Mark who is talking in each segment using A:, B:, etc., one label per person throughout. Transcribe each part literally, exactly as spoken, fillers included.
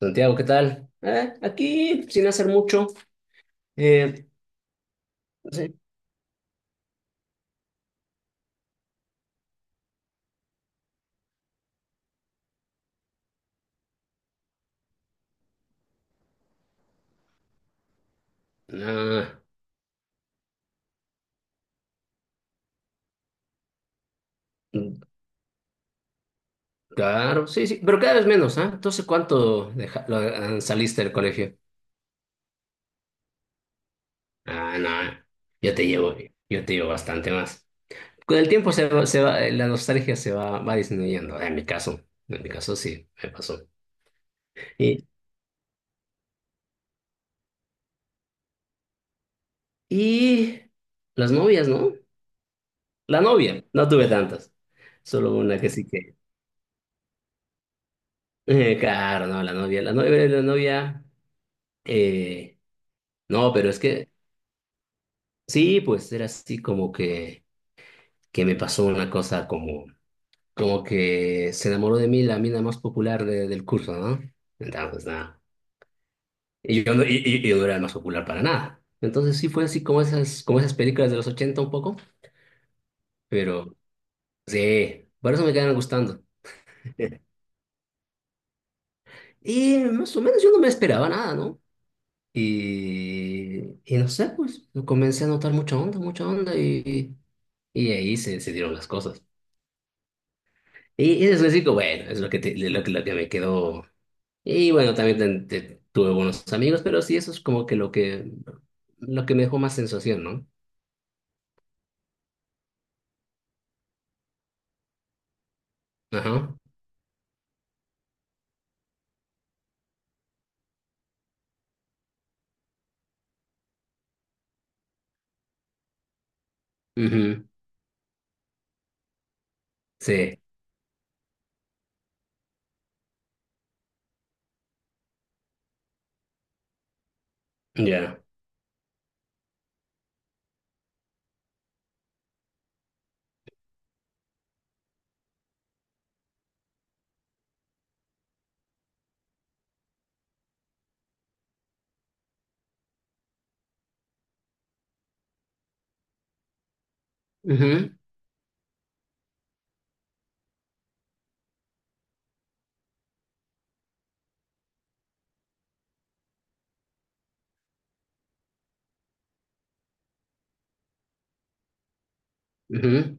A: Santiago, ¿qué tal? Eh, aquí, sin hacer mucho. Eh, sí. Ah, claro, sí, sí, pero cada vez menos, ¿ah? Entonces, ¿cuánto deja- lo- ah, saliste del colegio? Ah, no, yo te llevo, yo te llevo bastante más. Con el tiempo se va, se va, eh, la nostalgia se va, va disminuyendo, en mi caso, en mi caso sí, me pasó. Y, y las novias, ¿no? La novia, no tuve tantas, solo una que sí que... Eh, claro, no, la novia, la novia, la novia... Eh, No, pero es que sí, pues era así como que, que me pasó una cosa como, como que se enamoró de mí la mina más popular de- del curso, ¿no? Entonces, nada. Y yo no, y, y- y yo no era el más popular para nada. Entonces sí fue así como esas, como esas películas de los ochenta un poco, pero sí, por eso me quedaron gustando. Y más o menos yo no me esperaba nada, ¿no? Y, y no sé, pues comencé a notar mucha onda, mucha onda y, y ahí se, se dieron las cosas. Y, y después digo, bueno, es lo que, te- lo, que lo que me quedó. Y bueno, también ten- te- tuve buenos amigos, pero sí, eso es como que lo que, lo que me dejó más sensación, ¿no? Ajá. Ujú. Sí, ya. Ujú, ujú.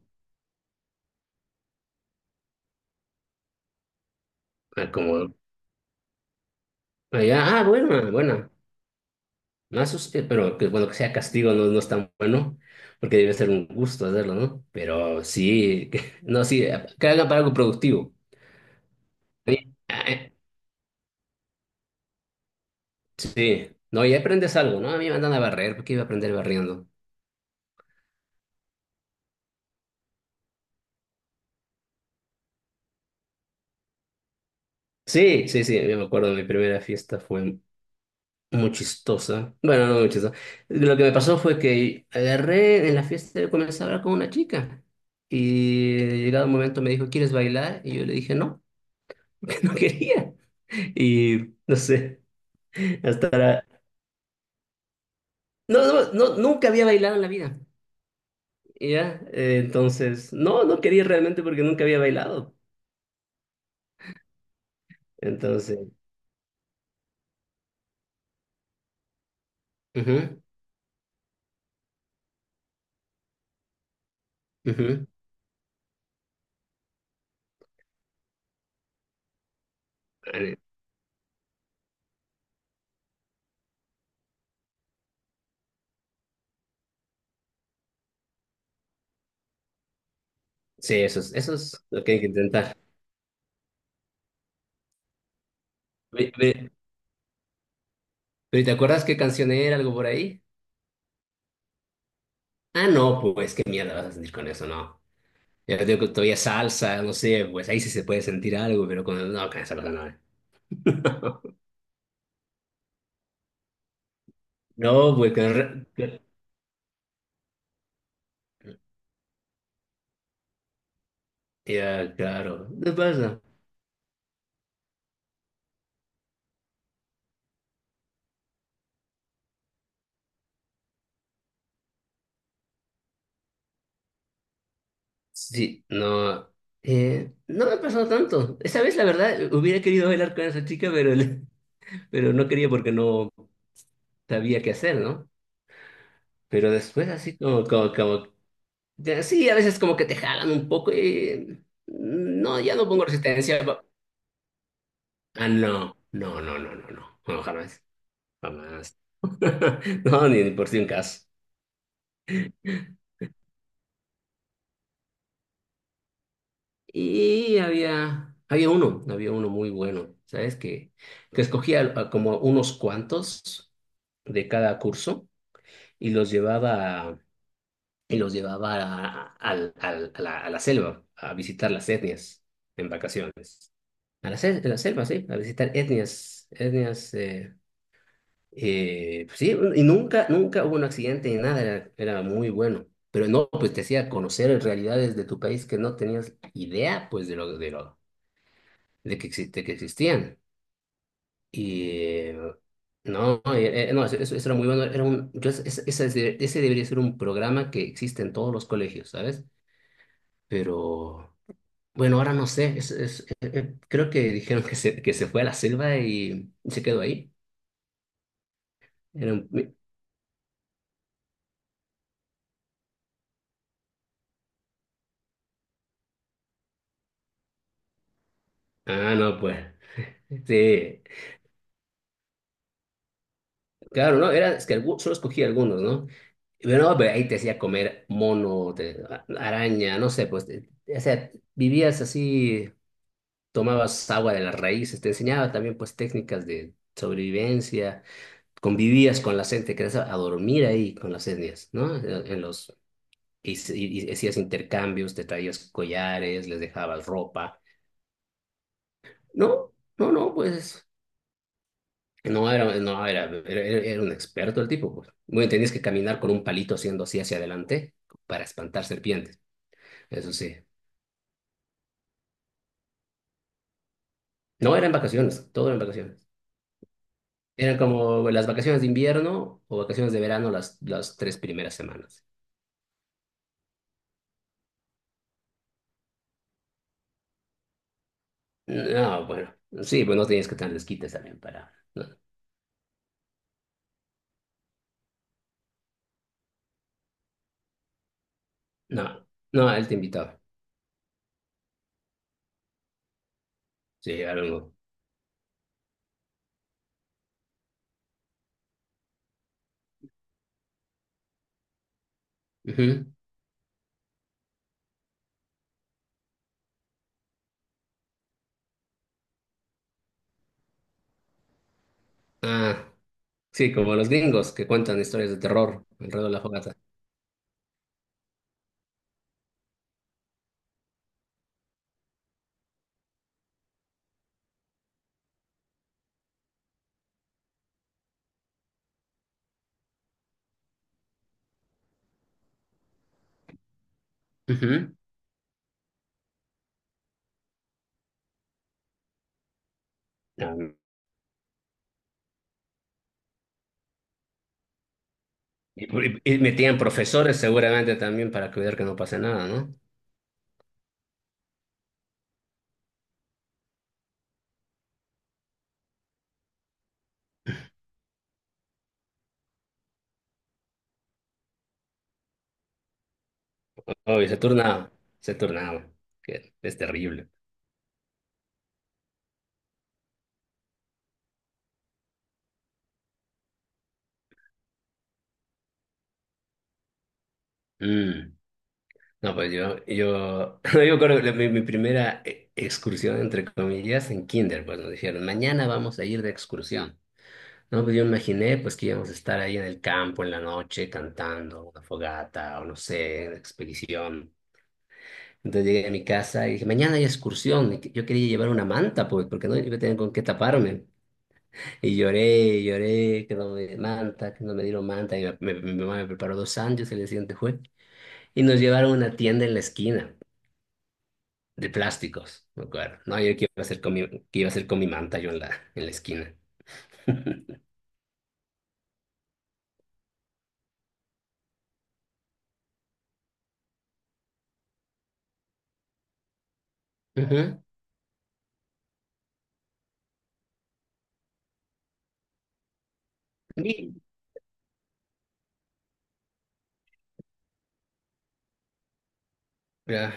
A: Ah, como, ah, ya, ah, bueno, ah, bueno. Más sus- pero que bueno, que sea castigo no, no es tan bueno, porque debe ser un gusto hacerlo, ¿no? Pero sí, que- no, sí, que hagan para algo productivo. Sí, ah, eh, sí. No, y aprendes algo, ¿no? A mí me andan a barrer, ¿por qué iba a aprender barriendo? Sí, sí, sí, yo me acuerdo de mi primera fiesta, fue muy chistosa. Bueno, no muy chistosa. Lo que me pasó fue que agarré en la fiesta, comencé a hablar con una chica y llegado un momento me dijo, ¿quieres bailar? Y yo le dije, no, porque no quería. Y no sé, hasta ahora... No, no, no, nunca había bailado en la vida, ¿ya? Eh, entonces, no, no quería realmente porque nunca había bailado. Entonces, ujú, ujú. Vale. Sí, eso es, eso es lo que hay que intentar. Ve- ve- ¿Pero y te acuerdas qué canción era, algo por ahí? Ah, no, pues qué mierda vas a sentir con eso, no. Ya te digo que todavía salsa, no sé, pues ahí sí se puede sentir algo, pero con... el- no, con esa cosa no. eh. No, pues con... re- con- ya, claro. ¿Qué pasa? Sí, no... eh, no me ha pasado tanto. Esa vez, la verdad, hubiera querido bailar con esa chica, pero, le- pero no quería porque no sabía qué hacer, ¿no? Pero después así como, como, como... ya, sí, a veces como que te jalan un poco y... mm, no, ya no pongo resistencia. Ah, no, no, no, no, no, no, no, jamás, jamás. No, ni por si un caso. Y había, había uno, había uno muy bueno, ¿sabes? Que, que escogía a como unos cuantos de cada curso y los llevaba, y los llevaba a, al- al- a la, a la selva, a visitar las etnias en vacaciones. A la, sel- a la selva, sí, a visitar etnias, etnias, eh, Eh, pues sí, y nunca, nunca hubo un accidente ni nada, era, era muy bueno. Pero no, pues te hacía conocer realidades de tu país que no tenías idea, pues, de lo, de lo, de que, exi- de que existían. Y eh, no, eh, eh, no, Eso, eso- eso era muy bueno. Era un, yo, es- es- ese, de- ese debería ser un programa que existe en todos los colegios, ¿sabes? Pero bueno, ahora no sé, es, es- eh, eh, creo que dijeron que se, que se fue a la selva y se quedó ahí. Era un- ah, no, pues. Sí. Claro, ¿no? Era, es que algu- solo escogí algunos, ¿no? Pero no, pero ahí te hacía comer mono, te- araña, no sé, pues, te- te- o sea, vivías así, tomabas agua de las raíces, te enseñaba también, pues, técnicas de sobrevivencia, convivías con la gente, querías a a dormir ahí con las etnias, ¿no? En en los, y, y- y hacías intercambios, te traías collares, les dejabas ropa. No, no, no, pues. No, era, no, era, era, era un experto el tipo, pues. Bueno, tenías que caminar con un palito haciendo así hacia adelante para espantar serpientes. Eso sí. No, eran vacaciones, todo eran vacaciones. Eran como las vacaciones de invierno o vacaciones de verano las, las tres primeras semanas. No, bueno, sí, pues no tenías que tener desquites también para... No, no, no, él te invitaba. Sí, algo. Ujú. Ah, sí, como los gringos que cuentan historias de terror alrededor de la fogata. Ujú. Ah, y, por- y metían profesores seguramente también para cuidar que no pase nada, ¿no? Oye, se turnaba, se turnaba, que es terrible. Mm. No, pues yo, yo, yo creo que la- mi, mi primera e- excursión, entre comillas, en kinder, pues nos dijeron, mañana vamos a ir de excursión. No, pues yo imaginé, pues que íbamos a estar ahí en el campo en la noche cantando una fogata o no sé, una expedición. Entonces llegué a mi casa y dije, mañana hay excursión. y que- Yo quería llevar una manta, pues, porque no iba a tener con qué taparme. Y lloré, lloré, que no me dieron manta, que no me dieron manta. Y me- me- mi mamá me preparó dos sándwiches el día siguiente fue. Y nos llevaron a una tienda en la esquina de plásticos, me acuerdo. No, yo qué iba a hacer con mi, qué iba a hacer con mi manta yo en la, en la esquina. Ujú. Y- ya,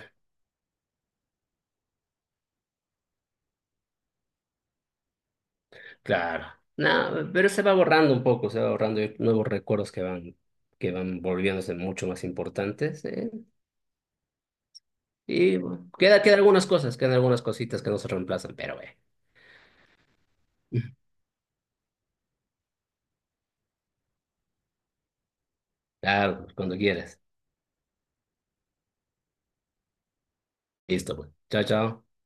A: claro. No, pero se va borrando un poco, se va borrando. Hay nuevos recuerdos que van, que van volviéndose mucho más importantes. ¿Eh? Y bueno, queda, quedan algunas cosas, quedan algunas cositas que no se reemplazan, pero eh, claro, cuando quieras. Listo, pues. Chao, chao.